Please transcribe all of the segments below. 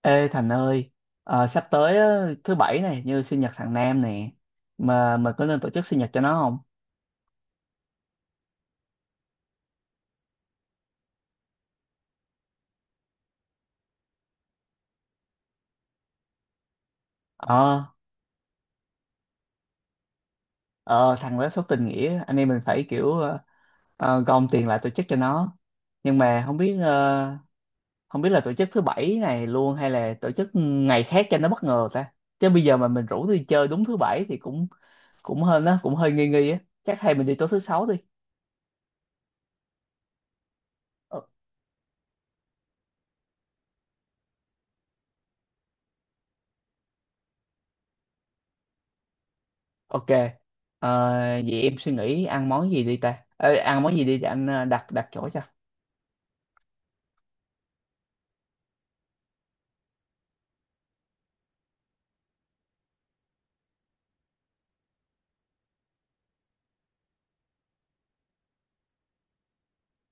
Ê Thành ơi, sắp tới á, thứ bảy này như sinh nhật thằng Nam nè, mà có nên tổ chức sinh nhật cho nó không? Ờ. ờ Thằng đó số tình nghĩa, anh em mình phải kiểu gom tiền lại tổ chức cho nó. Nhưng mà không biết là tổ chức thứ bảy này luôn hay là tổ chức ngày khác cho nó bất ngờ ta. Chứ bây giờ mà mình rủ đi chơi đúng thứ bảy thì cũng cũng hơn á, cũng hơi nghi nghi á. Chắc hay mình đi tối thứ sáu đi. Ok, ờ, vậy em suy nghĩ ăn món gì đi ta? Ờ, Ăn món gì đi để anh đặt đặt chỗ cho.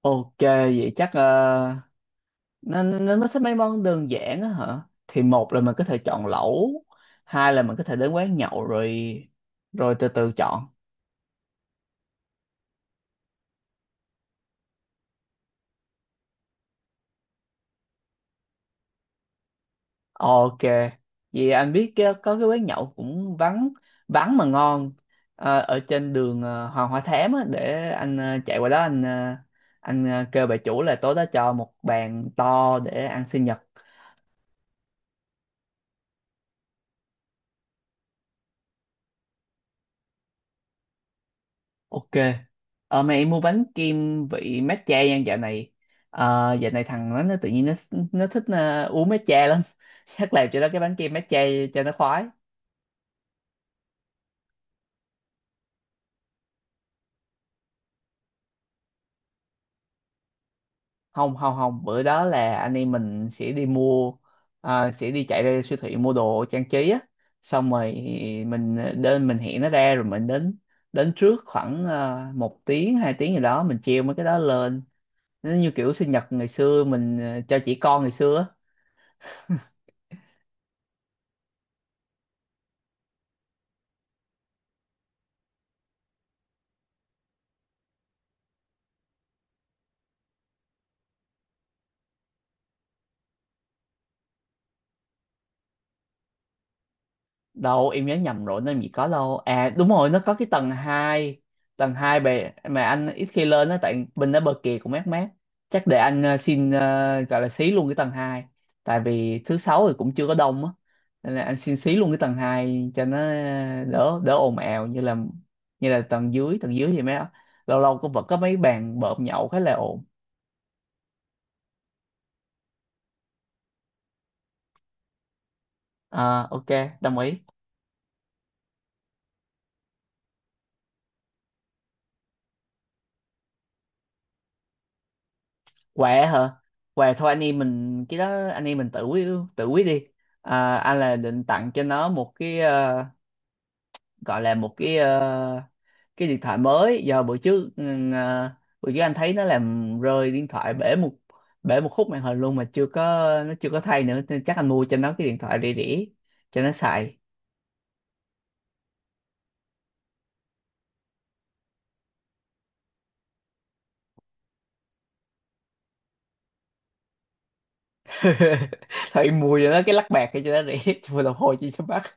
Ok, vậy chắc nó thích mấy món đơn giản á hả? Thì một là mình có thể chọn lẩu, hai là mình có thể đến quán nhậu rồi rồi từ từ chọn. Ok, vậy anh biết có cái quán nhậu cũng vắng vắng mà ngon, ở trên đường Hoàng Hoa Thám á, để anh chạy qua đó anh kêu bà chủ là tối đó cho một bàn to để ăn sinh nhật. Ok, mẹ em mua bánh kem vị matcha nha dạo này. Dạo này thằng nó tự nhiên nó thích uống matcha lắm. Chắc làm cho nó cái bánh kem matcha cho nó khoái. Không không không, bữa đó là anh em mình sẽ đi chạy ra siêu thị mua đồ trang trí á. Xong rồi mình mình hẹn nó ra rồi mình đến đến trước khoảng một tiếng hai tiếng gì đó mình treo mấy cái đó lên. Nó như kiểu sinh nhật ngày xưa mình cho trẻ con ngày xưa á. Đâu, em nhớ nhầm rồi, nó gì có đâu. À, đúng rồi, nó có cái tầng hai. Tầng 2 bề mà anh ít khi lên đó tại bên đó bờ kìa cũng mát mát. Chắc để anh xin gọi là xí luôn cái tầng 2, tại vì thứ sáu thì cũng chưa có đông á, nên là anh xin xí luôn cái tầng 2 cho nó đỡ đỡ ồn ào như là tầng dưới. Tầng dưới thì mấy lâu lâu cũng vẫn có mấy bàn bợm nhậu khá là ồn. À, ok, đồng ý. Quà hả? Quà thôi, anh em mình cái đó, anh em mình tự quyết, tự quyết đi. Anh là định tặng cho nó một cái gọi là cái điện thoại mới, do bữa trước anh thấy nó làm rơi điện thoại bể một khúc màn hình luôn mà chưa có nó chưa có thay nữa, nên chắc anh mua cho nó cái điện thoại rẻ rẻ cho nó xài. Thôi mua cho nó cái lắc bạc cho nó rẻ. Cho đồng hồ chi cho mắc.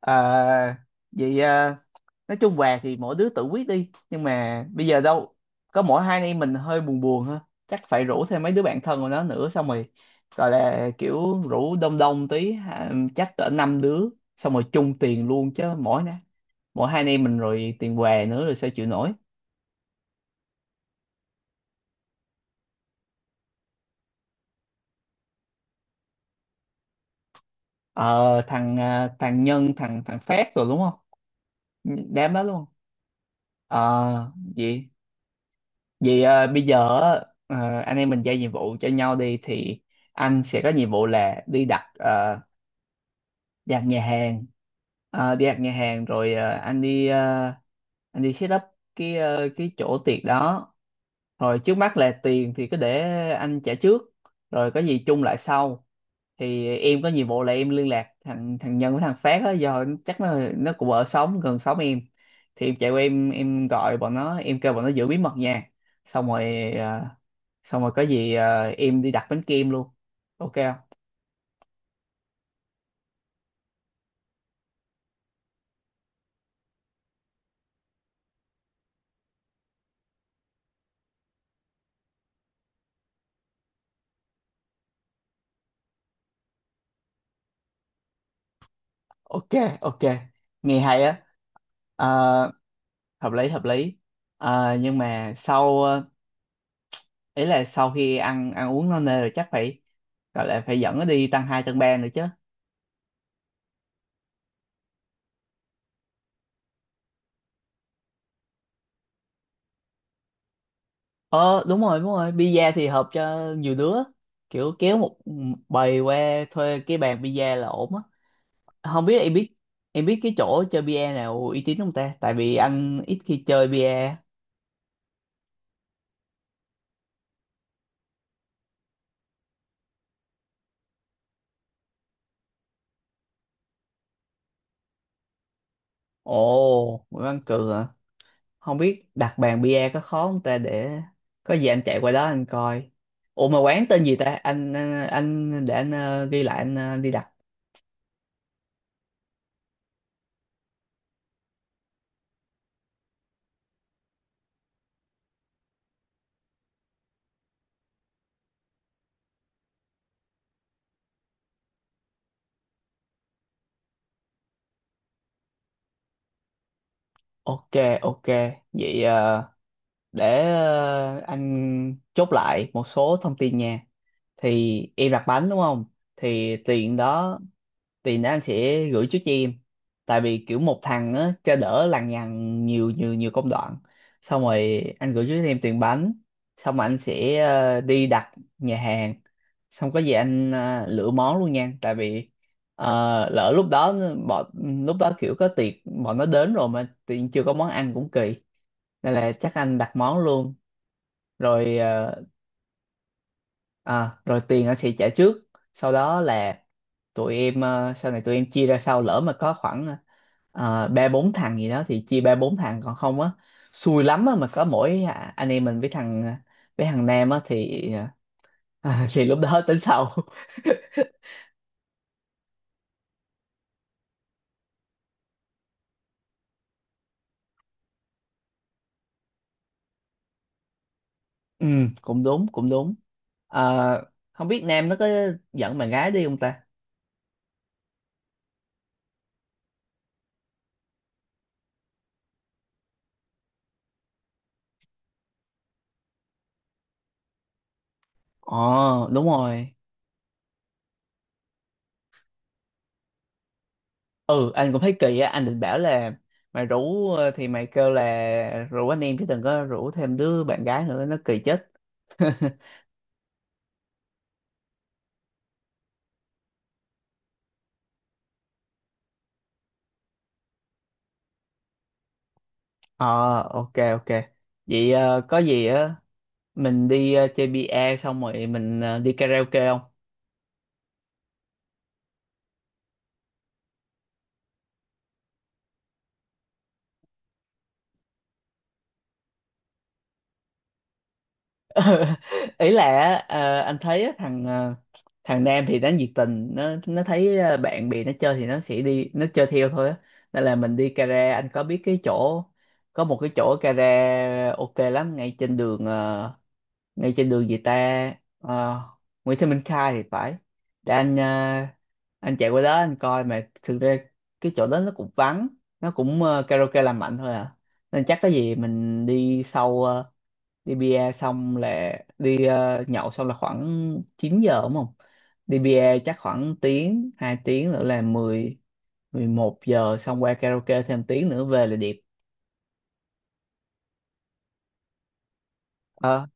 à, Vậy nói chung về thì mỗi đứa tự quyết đi. Nhưng mà bây giờ đâu có mỗi hai anh em mình hơi buồn buồn ha, chắc phải rủ thêm mấy đứa bạn thân của nó nữa. Xong rồi gọi là kiểu rủ đông đông tí ha, chắc cỡ năm đứa, xong rồi chung tiền luôn chứ mỗi hai anh em mình rồi tiền què nữa rồi sao chịu nổi. Thằng Nhân, thằng thằng Phát rồi đúng không? Đám đó luôn. Ờ vậy vậy à, bây giờ á, anh em mình giao nhiệm vụ cho nhau đi. Thì anh sẽ có nhiệm vụ là đi ăn nhà hàng. Đi ăn nhà hàng rồi anh đi set up cái chỗ tiệc đó. Rồi trước mắt là tiền thì cứ để anh trả trước, rồi có gì chung lại sau. Thì em có nhiệm vụ là em liên lạc thằng thằng Nhân với thằng Phát đó, do chắc nó cũng ở xóm gần xóm em. Thì em chạy qua, em gọi bọn nó, em kêu bọn nó giữ bí mật nha. xong rồi ờ, Xong rồi có gì em đi đặt bánh kem luôn. Ok không? Ok. Ok, nghe hay á. Ờ, hợp lý, hợp lý. Ờ, nhưng mà ý là sau khi ăn ăn uống no nê rồi chắc phải gọi là phải dẫn nó đi tăng hai tăng ba nữa chứ. Ờ Đúng rồi, đúng rồi, pizza thì hợp cho nhiều đứa, kiểu kéo một bầy qua thuê cái bàn pizza là ổn á. Không biết em biết cái chỗ chơi pizza nào uy tín không ta, tại vì anh ít khi chơi pizza. Ồ, Nguyễn Văn Cường. Không biết đặt bàn bia có khó không ta, để có gì anh chạy qua đó anh coi. Ủa mà quán tên gì ta? Anh để anh ghi lại, anh đi đặt. Ok, ok. Vậy để anh chốt lại một số thông tin nha. Thì em đặt bánh đúng không? Thì tiền đó, tiền đó anh sẽ gửi trước cho em. Tại vì kiểu một thằng á, cho đỡ lằng nhằng nhiều nhiều nhiều công đoạn. Xong rồi anh gửi trước cho em tiền bánh. Xong rồi anh sẽ đi đặt nhà hàng. Xong có gì anh lựa món luôn nha, tại vì ờ, lỡ lúc đó bọn lúc đó kiểu có tiệc, bọn nó đến rồi mà tự nhiên chưa có món ăn cũng kỳ. Nên là chắc anh đặt món luôn. rồi ờ, Rồi tiền anh sẽ trả trước, sau đó là sau này tụi em chia ra sau, lỡ mà có khoảng ba bốn thằng gì đó thì chia ba bốn thằng, còn không á, xui lắm á mà có mỗi anh em mình với với thằng Nam á thì thì lúc đó tính sau. Ừ, cũng đúng, cũng đúng. Ờ, Không biết Nam nó có dẫn bạn gái đi không ta? Ồ, đúng rồi. Ừ, anh cũng thấy kỳ á, anh định bảo là thì mày kêu là rủ anh em chứ đừng có rủ thêm đứa bạn gái nữa, nó kỳ chết. Ờ, ok, ok. Vậy có gì á, mình đi chơi bia xong rồi mình đi karaoke không? Ý là anh thấy á, thằng Nam thì nó nhiệt tình, nó thấy bạn bè nó chơi thì nó sẽ đi nó chơi theo thôi á. Nên là mình đi Cara. Anh có biết cái chỗ có một cái chỗ Cara ok lắm ngay trên đường, ngay trên đường gì ta. Ờ, Nguyễn Thị Minh Khai thì phải, để anh chạy qua đó anh coi. Mà thực ra cái chỗ đó nó cũng vắng, karaoke làm mạnh thôi à. Nên chắc cái gì mình đi bia xong là đi, nhậu xong là khoảng 9 giờ đúng không. Đi bia chắc khoảng tiếng hai tiếng nữa là mười, mười một giờ, xong qua karaoke thêm tiếng nữa về là điệp. ờ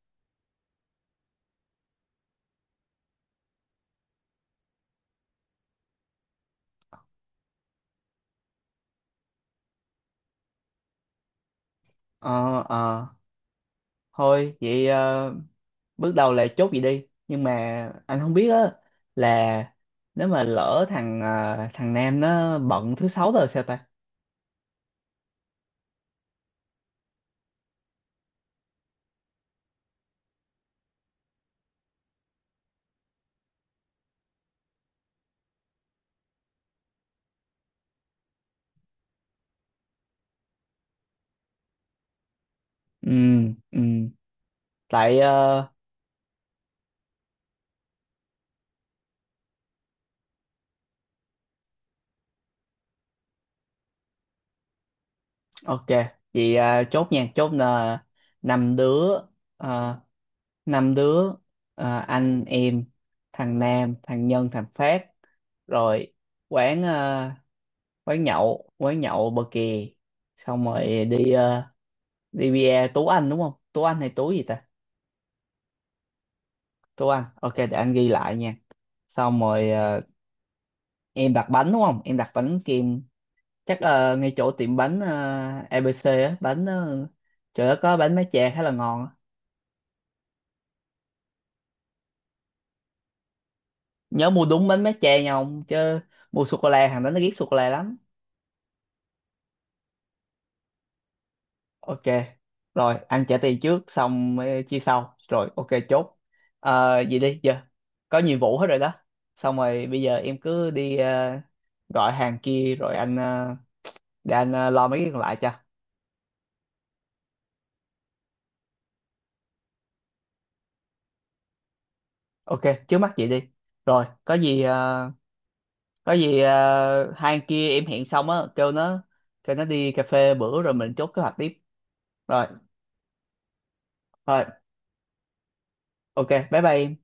ờ ờ Thôi vậy, bước đầu là chốt vậy đi. Nhưng mà anh không biết á là nếu mà lỡ thằng Nam nó bận thứ sáu rồi sao ta. Ừ, ừ, tại ok. Vậy à, chốt nha. Chốt là năm đứa, à, năm đứa à, anh em, thằng Nam, thằng Nhân, thằng Phát rồi. Quán, quán nhậu bờ kè. Xong rồi đi bia Tú Anh đúng không? Tú Anh hay Tú gì ta? Tú Anh, ok, để anh ghi lại nha. Xong rồi, à, em đặt bánh đúng không? Em đặt bánh kem chắc là ngay chỗ tiệm bánh, à, ABC á. Bánh, uh, chỗ đó có bánh má chè khá là ngon á. Nhớ mua đúng bánh mát cha nha ông, chứ mua sô cô la hàng đó nó ghét sô cô la lắm. Ok. Rồi ăn trả tiền trước xong chia sau rồi, ok chốt. Ờ, vậy đi giờ, có nhiệm vụ hết rồi đó. Xong rồi bây giờ em cứ đi gọi hàng kia rồi để anh lo mấy cái còn lại cho. Ok, trước mắt vậy đi. Rồi có gì hai anh kia em hẹn xong á, kêu nó, đi cà phê bữa rồi mình chốt kế hoạch tiếp. Rồi, rồi, ok, bye bye em.